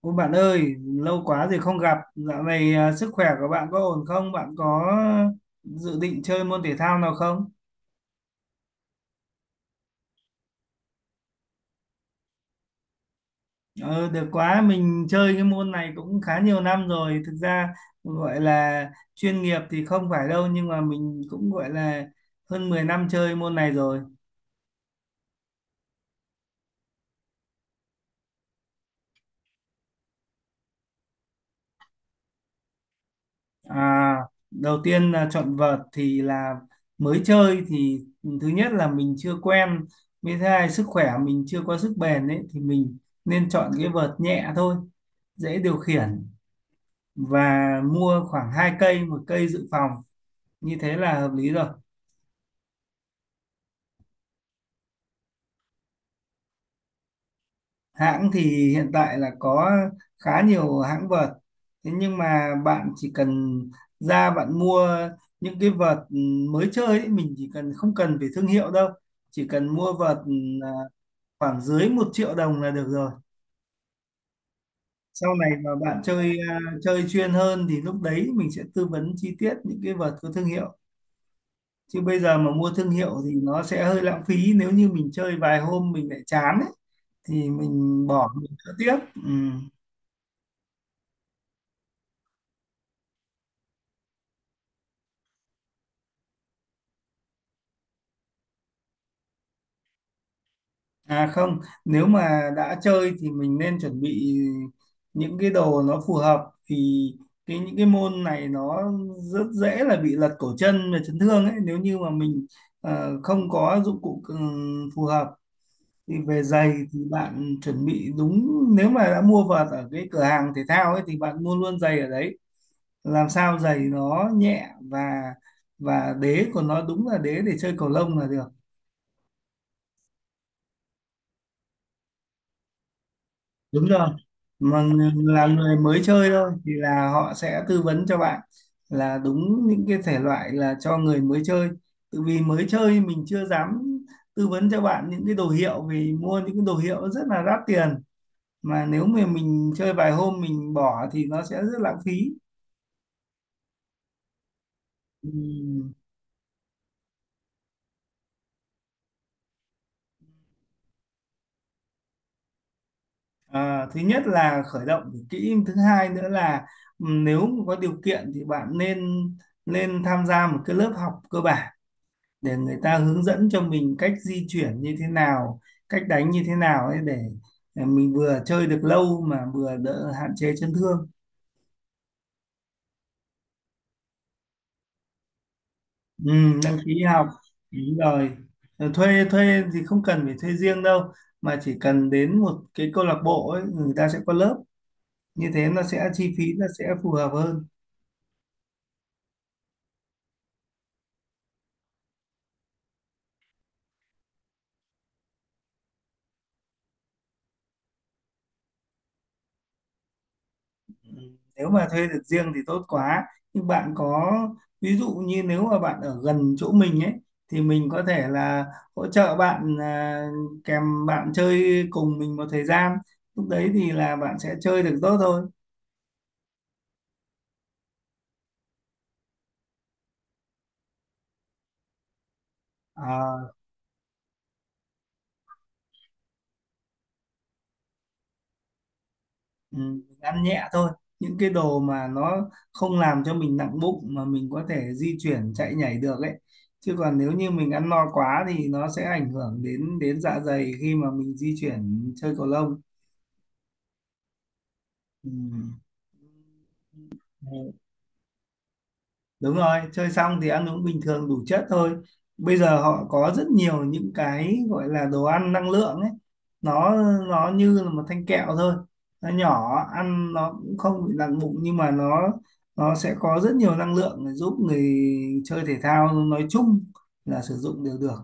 Ôi bạn ơi, lâu quá rồi không gặp. Dạo này sức khỏe của bạn có ổn không? Bạn có dự định chơi môn thể thao nào không? Ờ, được quá, mình chơi cái môn này cũng khá nhiều năm rồi. Thực ra gọi là chuyên nghiệp thì không phải đâu, nhưng mà mình cũng gọi là hơn 10 năm chơi môn này rồi. À, đầu tiên là chọn vợt thì là mới chơi thì thứ nhất là mình chưa quen với thứ hai sức khỏe mình chưa có sức bền ấy thì mình nên chọn cái vợt nhẹ thôi, dễ điều khiển, và mua khoảng hai cây, một cây dự phòng, như thế là hợp lý rồi. Hãng thì hiện tại là có khá nhiều hãng vợt, thế nhưng mà bạn chỉ cần ra bạn mua những cái vợt mới chơi ấy, mình chỉ cần không cần phải thương hiệu đâu, chỉ cần mua vợt à, khoảng dưới một triệu đồng là được rồi. Sau này mà bạn chơi chơi chuyên hơn thì lúc đấy mình sẽ tư vấn chi tiết những cái vợt có thương hiệu, chứ bây giờ mà mua thương hiệu thì nó sẽ hơi lãng phí nếu như mình chơi vài hôm mình lại chán ấy, thì mình bỏ mình chơi tiếp. Ừ. À không, nếu mà đã chơi thì mình nên chuẩn bị những cái đồ nó phù hợp, thì cái những cái môn này nó rất dễ là bị lật cổ chân và chấn thương ấy, nếu như mà mình không có dụng cụ phù hợp. Thì về giày thì bạn chuẩn bị đúng, nếu mà đã mua vợt ở cái cửa hàng thể thao ấy thì bạn mua luôn giày ở đấy, làm sao giày nó nhẹ và đế của nó đúng là đế để chơi cầu lông là được. Đúng rồi, mà là người mới chơi thôi thì là họ sẽ tư vấn cho bạn là đúng những cái thể loại là cho người mới chơi, tự vì mới chơi mình chưa dám tư vấn cho bạn những cái đồ hiệu, vì mua những cái đồ hiệu rất là đắt tiền, mà nếu mà mình chơi vài hôm mình bỏ thì nó sẽ rất lãng phí. Ừm. Thứ nhất là khởi động phải kỹ, thứ hai nữa là nếu mà có điều kiện thì bạn nên nên tham gia một cái lớp học cơ bản để người ta hướng dẫn cho mình cách di chuyển như thế nào, cách đánh như thế nào ấy, để mình vừa chơi được lâu mà vừa đỡ hạn chế chấn thương. Ừ, đăng ký học, đúng rồi. Ờ, Thuê thuê thì không cần phải thuê riêng đâu, mà chỉ cần đến một cái câu lạc bộ ấy người ta sẽ có lớp, như thế nó sẽ chi phí nó sẽ phù hợp hơn. Ừ, nếu mà thuê được riêng thì tốt quá. Nhưng bạn có, ví dụ như nếu mà bạn ở gần chỗ mình ấy thì mình có thể là hỗ trợ bạn kèm bạn chơi cùng mình một thời gian. Lúc đấy thì là bạn sẽ chơi được tốt thôi. À, ừ, mình ăn nhẹ thôi. Những cái đồ mà nó không làm cho mình nặng bụng mà mình có thể di chuyển chạy nhảy được ấy. Chứ còn nếu như mình ăn no quá thì nó sẽ ảnh hưởng đến đến dạ dày khi mà mình di chuyển chơi cầu lông. Ừ. Ừ. Đúng rồi, chơi xong thì ăn uống bình thường đủ chất thôi. Bây giờ họ có rất nhiều những cái gọi là đồ ăn năng lượng ấy. Nó nó như là một thanh kẹo thôi. Nó nhỏ, ăn nó cũng không bị nặng bụng, nhưng mà nó sẽ có rất nhiều năng lượng để giúp người chơi thể thao nói chung là sử dụng đều được.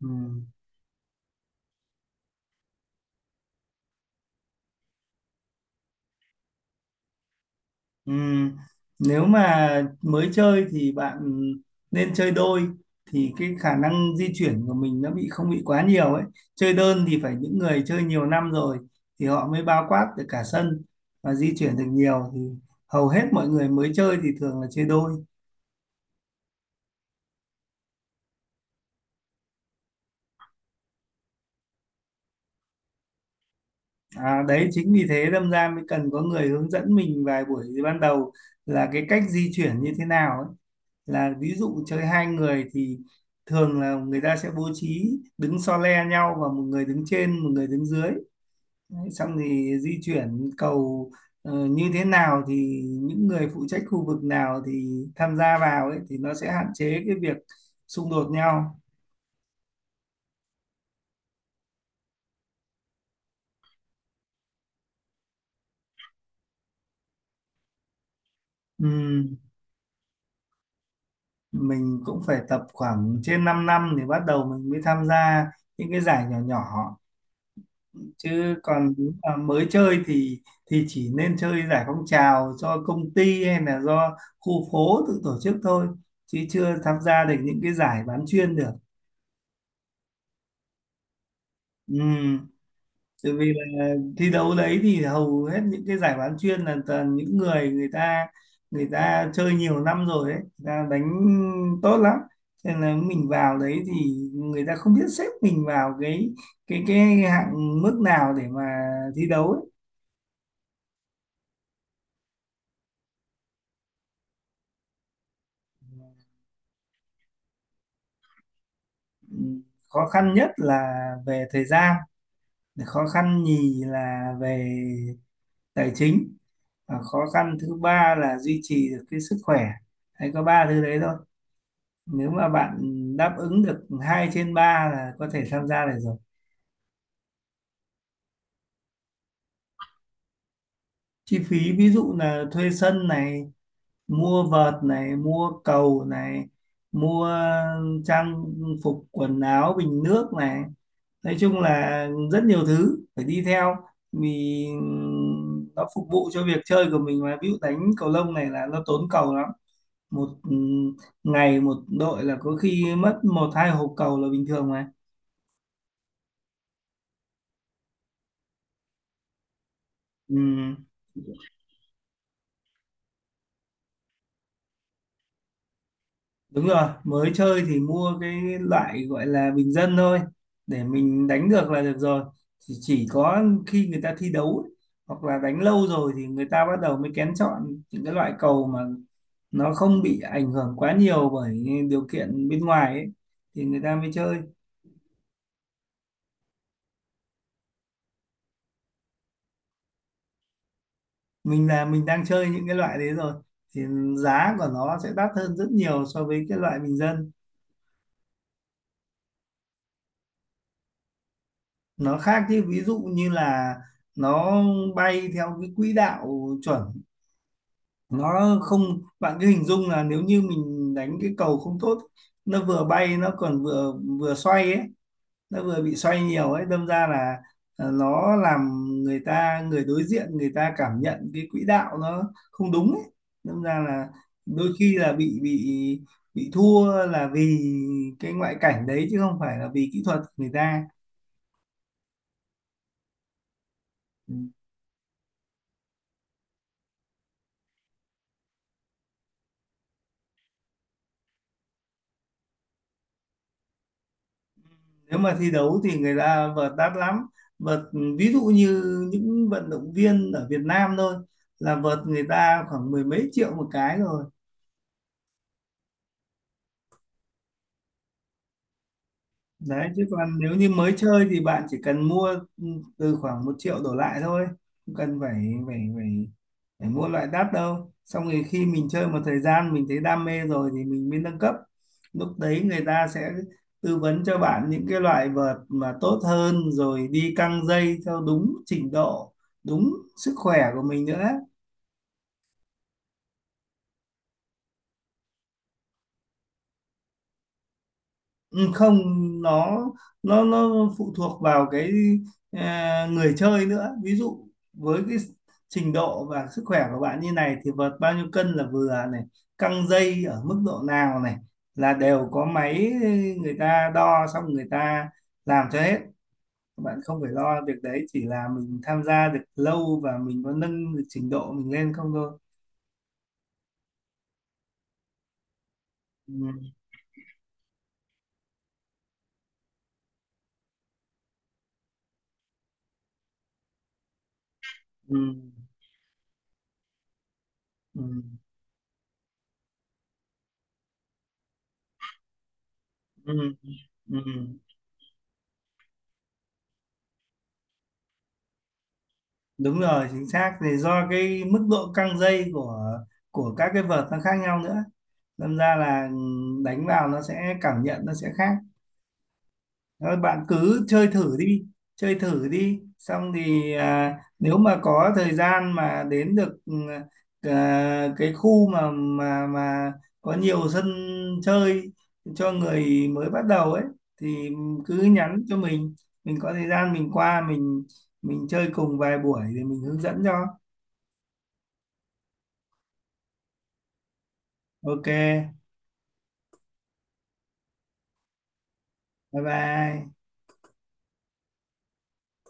Ừ. Ừm, Nếu mà mới chơi thì bạn nên chơi đôi, thì cái khả năng di chuyển của mình nó bị không bị quá nhiều ấy. Chơi đơn thì phải những người chơi nhiều năm rồi thì họ mới bao quát được cả sân và di chuyển được nhiều, thì hầu hết mọi người mới chơi thì thường là chơi đôi. À, đấy chính vì thế đâm ra mới cần có người hướng dẫn mình vài buổi ban đầu là cái cách di chuyển như thế nào ấy. Là ví dụ chơi hai người thì thường là người ta sẽ bố trí đứng so le nhau, và một người đứng trên một người đứng dưới. Đấy, xong thì di chuyển cầu như thế nào, thì những người phụ trách khu vực nào thì tham gia vào ấy, thì nó sẽ hạn chế cái việc xung đột nhau. Ừm, mình cũng phải tập khoảng trên 5 năm thì bắt đầu mình mới tham gia những cái giải nhỏ nhỏ, chứ còn nếu mà mới chơi thì chỉ nên chơi giải phong trào do công ty hay là do khu phố tự tổ chức thôi, chứ chưa tham gia được những cái giải bán chuyên được. Ừ. Tại vì là thi đấu đấy thì hầu hết những cái giải bán chuyên là toàn những người người ta chơi nhiều năm rồi ấy, người ta đánh tốt lắm, nên là mình vào đấy thì người ta không biết xếp mình vào cái hạng mức nào để mà thi đấu ấy. Khó khăn nhất là về thời gian, khó khăn nhì là về tài chính, và khó khăn thứ ba là duy trì được cái sức khỏe. Hay có ba thứ đấy thôi, nếu mà bạn đáp ứng được hai trên ba là có thể tham gia được rồi. Chi phí ví dụ là thuê sân này, mua vợt này, mua cầu này, mua trang phục quần áo bình nước này, nói chung là rất nhiều thứ phải đi theo, vì nó phục vụ cho việc chơi của mình. Mà ví dụ đánh cầu lông này là nó tốn cầu lắm, một ngày một đội là có khi mất một hai hộp cầu là bình thường mà. Ừ. Đúng rồi, mới chơi thì mua cái loại gọi là bình dân thôi, để mình đánh được là được rồi. Chỉ có khi người ta thi đấu ấy, hoặc là đánh lâu rồi, thì người ta bắt đầu mới kén chọn những cái loại cầu mà nó không bị ảnh hưởng quá nhiều bởi điều kiện bên ngoài ấy, thì người ta mới chơi. Mình là mình đang chơi những cái loại đấy rồi, thì giá của nó sẽ đắt hơn rất nhiều so với cái loại bình dân. Nó khác chứ, ví dụ như là nó bay theo cái quỹ đạo chuẩn, nó không, bạn cứ hình dung là nếu như mình đánh cái cầu không tốt, nó vừa bay nó còn vừa vừa xoay ấy, nó vừa bị xoay nhiều ấy, đâm ra là nó làm người ta người đối diện người ta cảm nhận cái quỹ đạo nó không đúng ấy, đâm ra là đôi khi là bị thua là vì cái ngoại cảnh đấy, chứ không phải là vì kỹ thuật người ta. Ừ. Nếu mà thi đấu thì người ta vợt đắt lắm, vợt ví dụ như những vận động viên ở Việt Nam thôi là vợt người ta khoảng mười mấy triệu một cái rồi đấy. Chứ còn nếu như mới chơi thì bạn chỉ cần mua ừ, từ khoảng một triệu đổ lại thôi, không cần phải phải mua loại đắt đâu. Xong rồi khi mình chơi một thời gian mình thấy đam mê rồi thì mình mới nâng cấp, lúc đấy người ta sẽ tư vấn cho bạn những cái loại vợt mà tốt hơn, rồi đi căng dây theo đúng trình độ, đúng sức khỏe của mình nữa. Ừ, không, nó nó phụ thuộc vào cái người chơi nữa, ví dụ với cái trình độ và sức khỏe của bạn như này thì vợt bao nhiêu cân là vừa này, căng dây ở mức độ nào này, là đều có máy, người ta đo xong người ta làm cho hết, bạn không phải lo việc đấy, chỉ là mình tham gia được lâu và mình có nâng được trình độ mình lên không thôi. Ừ, ừ, ừ, ừ, ừ. Ừ. Đúng rồi, chính xác, thì do cái mức độ căng dây của các cái vợt nó khác nhau nữa, đâm ra là đánh vào nó sẽ cảm nhận nó sẽ khác. Thôi bạn cứ chơi thử đi, chơi thử đi, xong thì nếu mà có thời gian mà đến được cái khu mà có nhiều sân chơi cho người mới bắt đầu ấy, thì cứ nhắn cho mình có thời gian mình qua mình chơi cùng vài buổi thì mình hướng dẫn cho. Ok, bye bye.